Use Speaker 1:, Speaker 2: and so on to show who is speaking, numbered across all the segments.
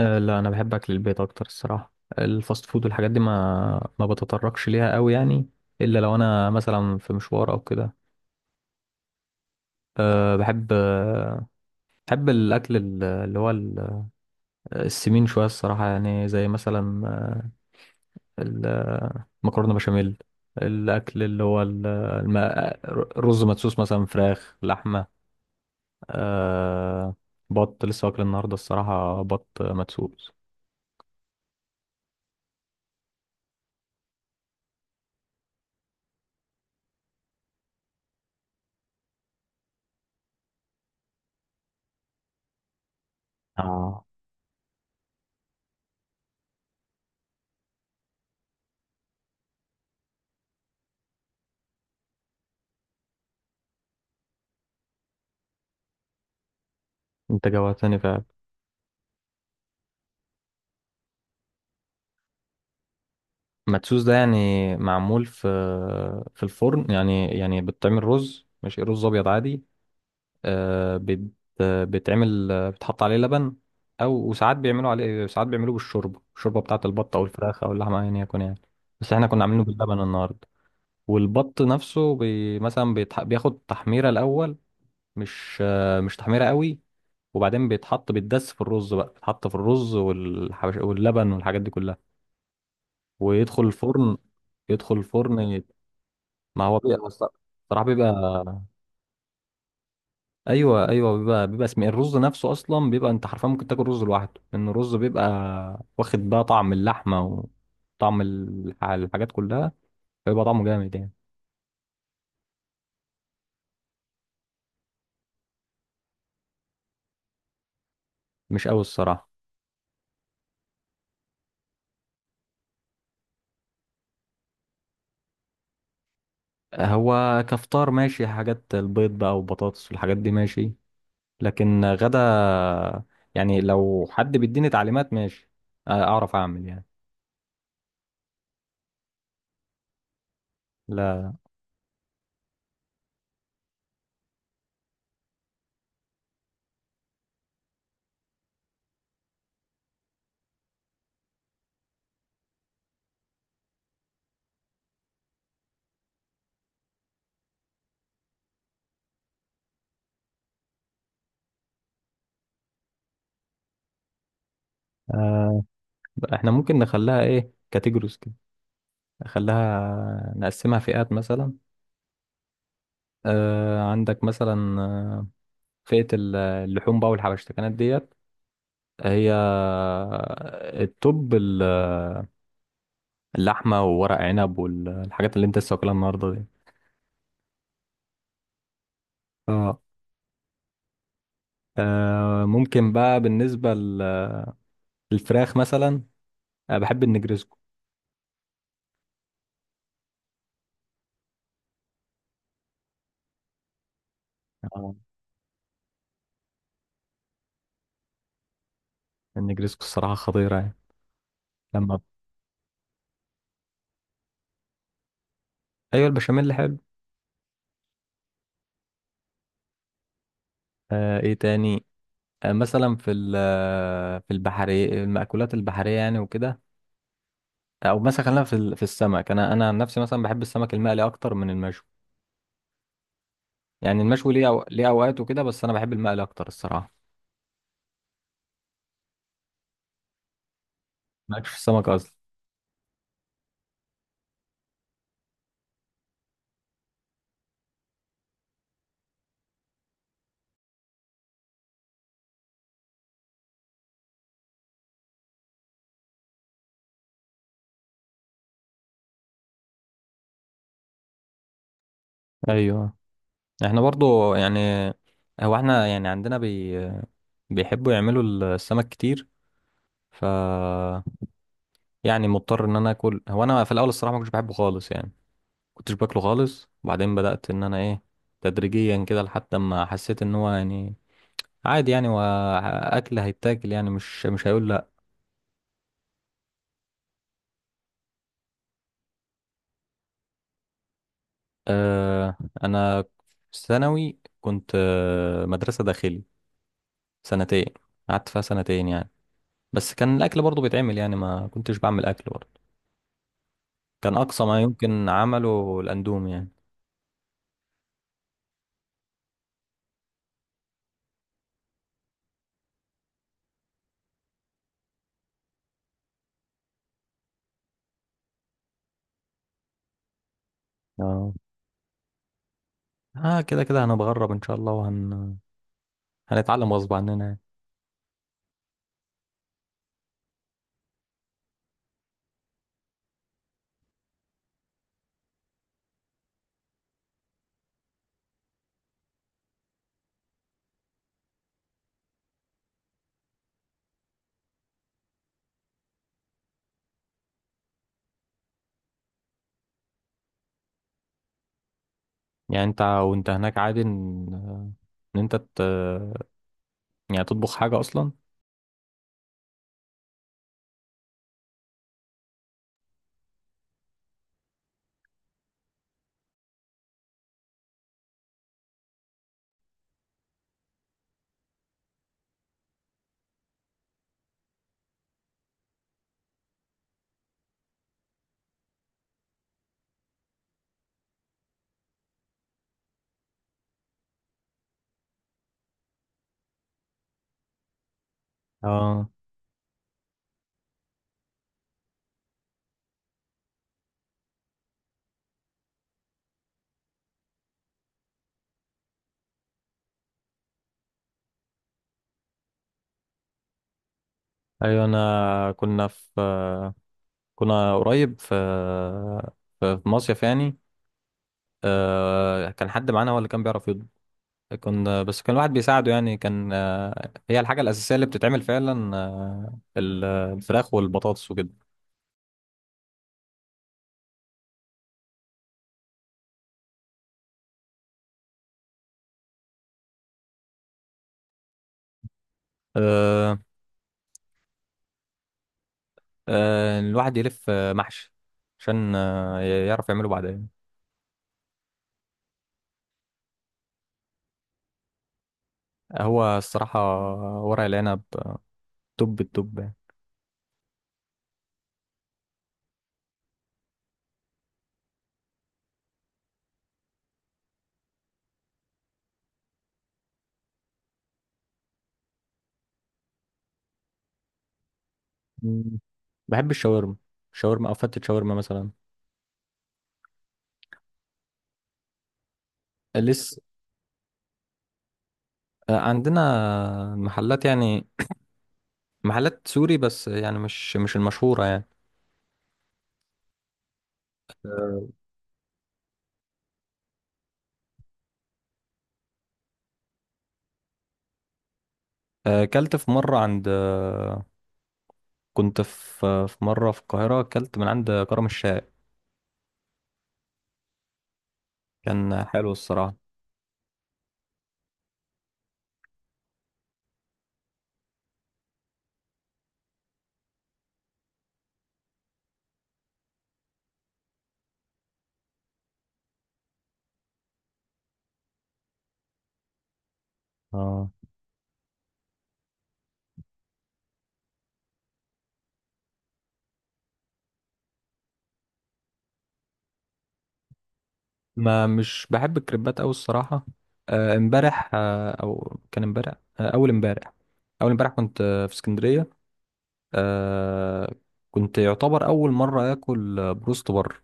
Speaker 1: لا انا بحب اكل البيت اكتر الصراحه. الفاست فود والحاجات دي ما بتطرقش ليها قوي يعني، الا لو انا مثلا في مشوار او كده. بحب بحب الاكل السمين شويه الصراحه، يعني زي مثلا المكرونه بشاميل. الاكل اللي هو ال- الم- الرز مدسوس، مثلا فراخ، لحمه، أه بط. لسه واكل النهارده الصراحه بط مدسوس. اه انت جوعتني فعلا. مدسوس ده يعني معمول في الفرن، يعني يعني بتعمل رز، مش رز ابيض عادي. آه، بت بتعمل، بتحط عليه لبن، وساعات بيعملوا عليه، ساعات بيعملوه بالشوربه، بتاعه البط او الفراخ او اللحمه ايا يكن يعني. بس احنا كنا عاملينه باللبن النهارده. والبط نفسه بياخد تحميره الاول، مش تحميره قوي، وبعدين بيتدس في الرز بقى، بيتحط في الرز واللبن والحاجات دي كلها، ويدخل الفرن. يدخل الفرن. ما هو بيبقى الص- الصراحه بيبقى، ايوه ايوه، بيبقى بيبقى اسم الرز نفسه اصلا، بيبقى انت حرفيا ممكن تاكل رز لوحده، لان الرز بيبقى واخد بقى طعم اللحمه وطعم الحاجات كلها، فيبقى طعمه جامد يعني. مش قوي الصراحه. هو كفطار ماشي، حاجات البيض بقى وبطاطس والحاجات دي ماشي، لكن غدا يعني لو حد بيديني تعليمات ماشي اعرف اعمل يعني. لا. آه، احنا ممكن نخليها ايه، كاتيجوريز كده، نخليها نقسمها فئات مثلا. آه، عندك مثلا، فئة اللحوم بقى والحبشتكنات ديت. هي التوب اللحمة وورق عنب والحاجات اللي انت لسه واكلها النهاردة دي. اه ممكن بقى بالنسبة للفراخ مثلا، أنا بحب النجرسكو. اه النجرسكو الصراحة خطيرة يعني. لما أيوة، البشاميل حلو. آه، إيه تاني؟ آه، مثلا في البحرية، المأكولات البحرية يعني وكده، او مثلا خلينا في السمك. انا عن نفسي مثلا بحب السمك المقلي اكتر من المشوي. يعني المشوي ليه اوقات وكده، بس انا بحب المقلي اكتر الصراحه. مالكش في السمك اصلا؟ ايوه احنا برضو يعني، هو احنا يعني عندنا بي... بيحبوا يعملوا السمك كتير، ف يعني مضطر ان انا اكل. هو انا في الاول الصراحه ما كنتش بحبه خالص يعني، كنتش باكله خالص، وبعدين بدات ان انا ايه، تدريجيا كده، لحد ما حسيت ان هو يعني عادي يعني، واكل هيتاكل يعني، مش هيقول. آه، انا في ثانوي كنت مدرسه داخلي سنتين، قعدت فيها سنتين يعني، بس كان الاكل برضو بيتعمل يعني، ما كنتش بعمل اكل برضو، كان اقصى ما يمكن عمله الاندومي يعني. اه كده كده هنتغرب ان شاء الله، هنتعلم غصب عننا يعني. يعني انت وانت هناك عادي ان آه، ان انت ت... يعني تطبخ حاجه اصلا؟ اه ايوه، انا كنا في آه، كنا قريب في مصيف يعني. آه، كان حد معانا هو اللي كان بيعرف يطبخ، كنا بس كان الواحد بيساعده يعني. كان آه، هي الحاجة الأساسية اللي بتتعمل فعلا الفراخ والبطاطس وكده. آه، الواحد يلف محشي عشان يعرف يعمله بعدين. هو الصراحة ورق العنب، آه، توب التوب يعني. مم. بحب الشاورما، شاورما أو فتة شاورما مثلا. لسه. آه، عندنا محلات يعني، محلات سوري، بس يعني مش المشهورة. يعني اكلت في مره عند، كنت في مره في القاهره، اكلت من عند كرم الشاي. كان حلو الصراحه. اه ما مش بحب الكريبات قوي الصراحه. آه، امبارح، آه، او كان امبارح، آه، اول امبارح، اول امبارح كنت في اسكندريه. آه، كنت يعتبر اول مره اكل بروست بره.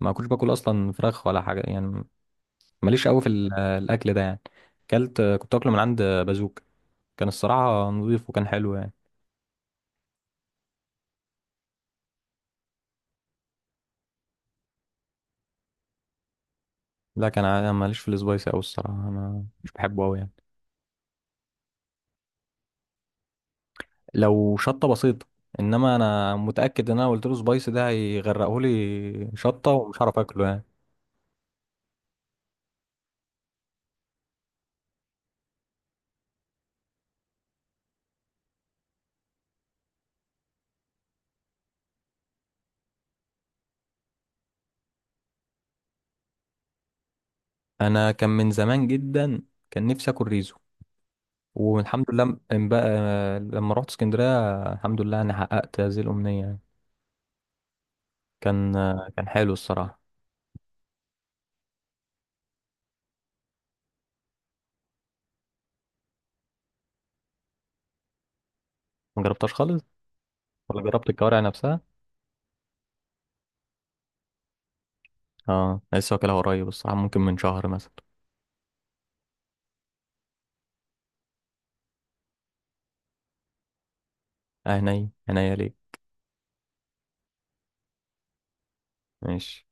Speaker 1: ما كنتش باكل اصلا فراخ ولا حاجه يعني، ماليش قوي في ال- آه، الاكل ده يعني. اكلت، كنت اكله من عند، بازوك. كان الصراحه نظيف وكان حلو يعني. لا كان انا ماليش في السبايسي قوي الصراحه، انا مش بحبه قوي يعني. لو شطه بسيطه، انما انا متاكد ان انا قلت له سبايسي ده هيغرقه لي شطه ومش هعرف اكله يعني. انا كان من زمان جدا كان نفسي اكل ريزو، والحمد لله، م- ام بقى لما رحت اسكندريه الحمد لله انا حققت هذه الامنيه يعني. كان كان حلو الصراحه. ما جربتهاش خالص، ولا جربت الكوارع نفسها. اه لسه واكلها قريب الصراحه، ممكن من شهر مثلا. اه، هني هني ليه. ماشي.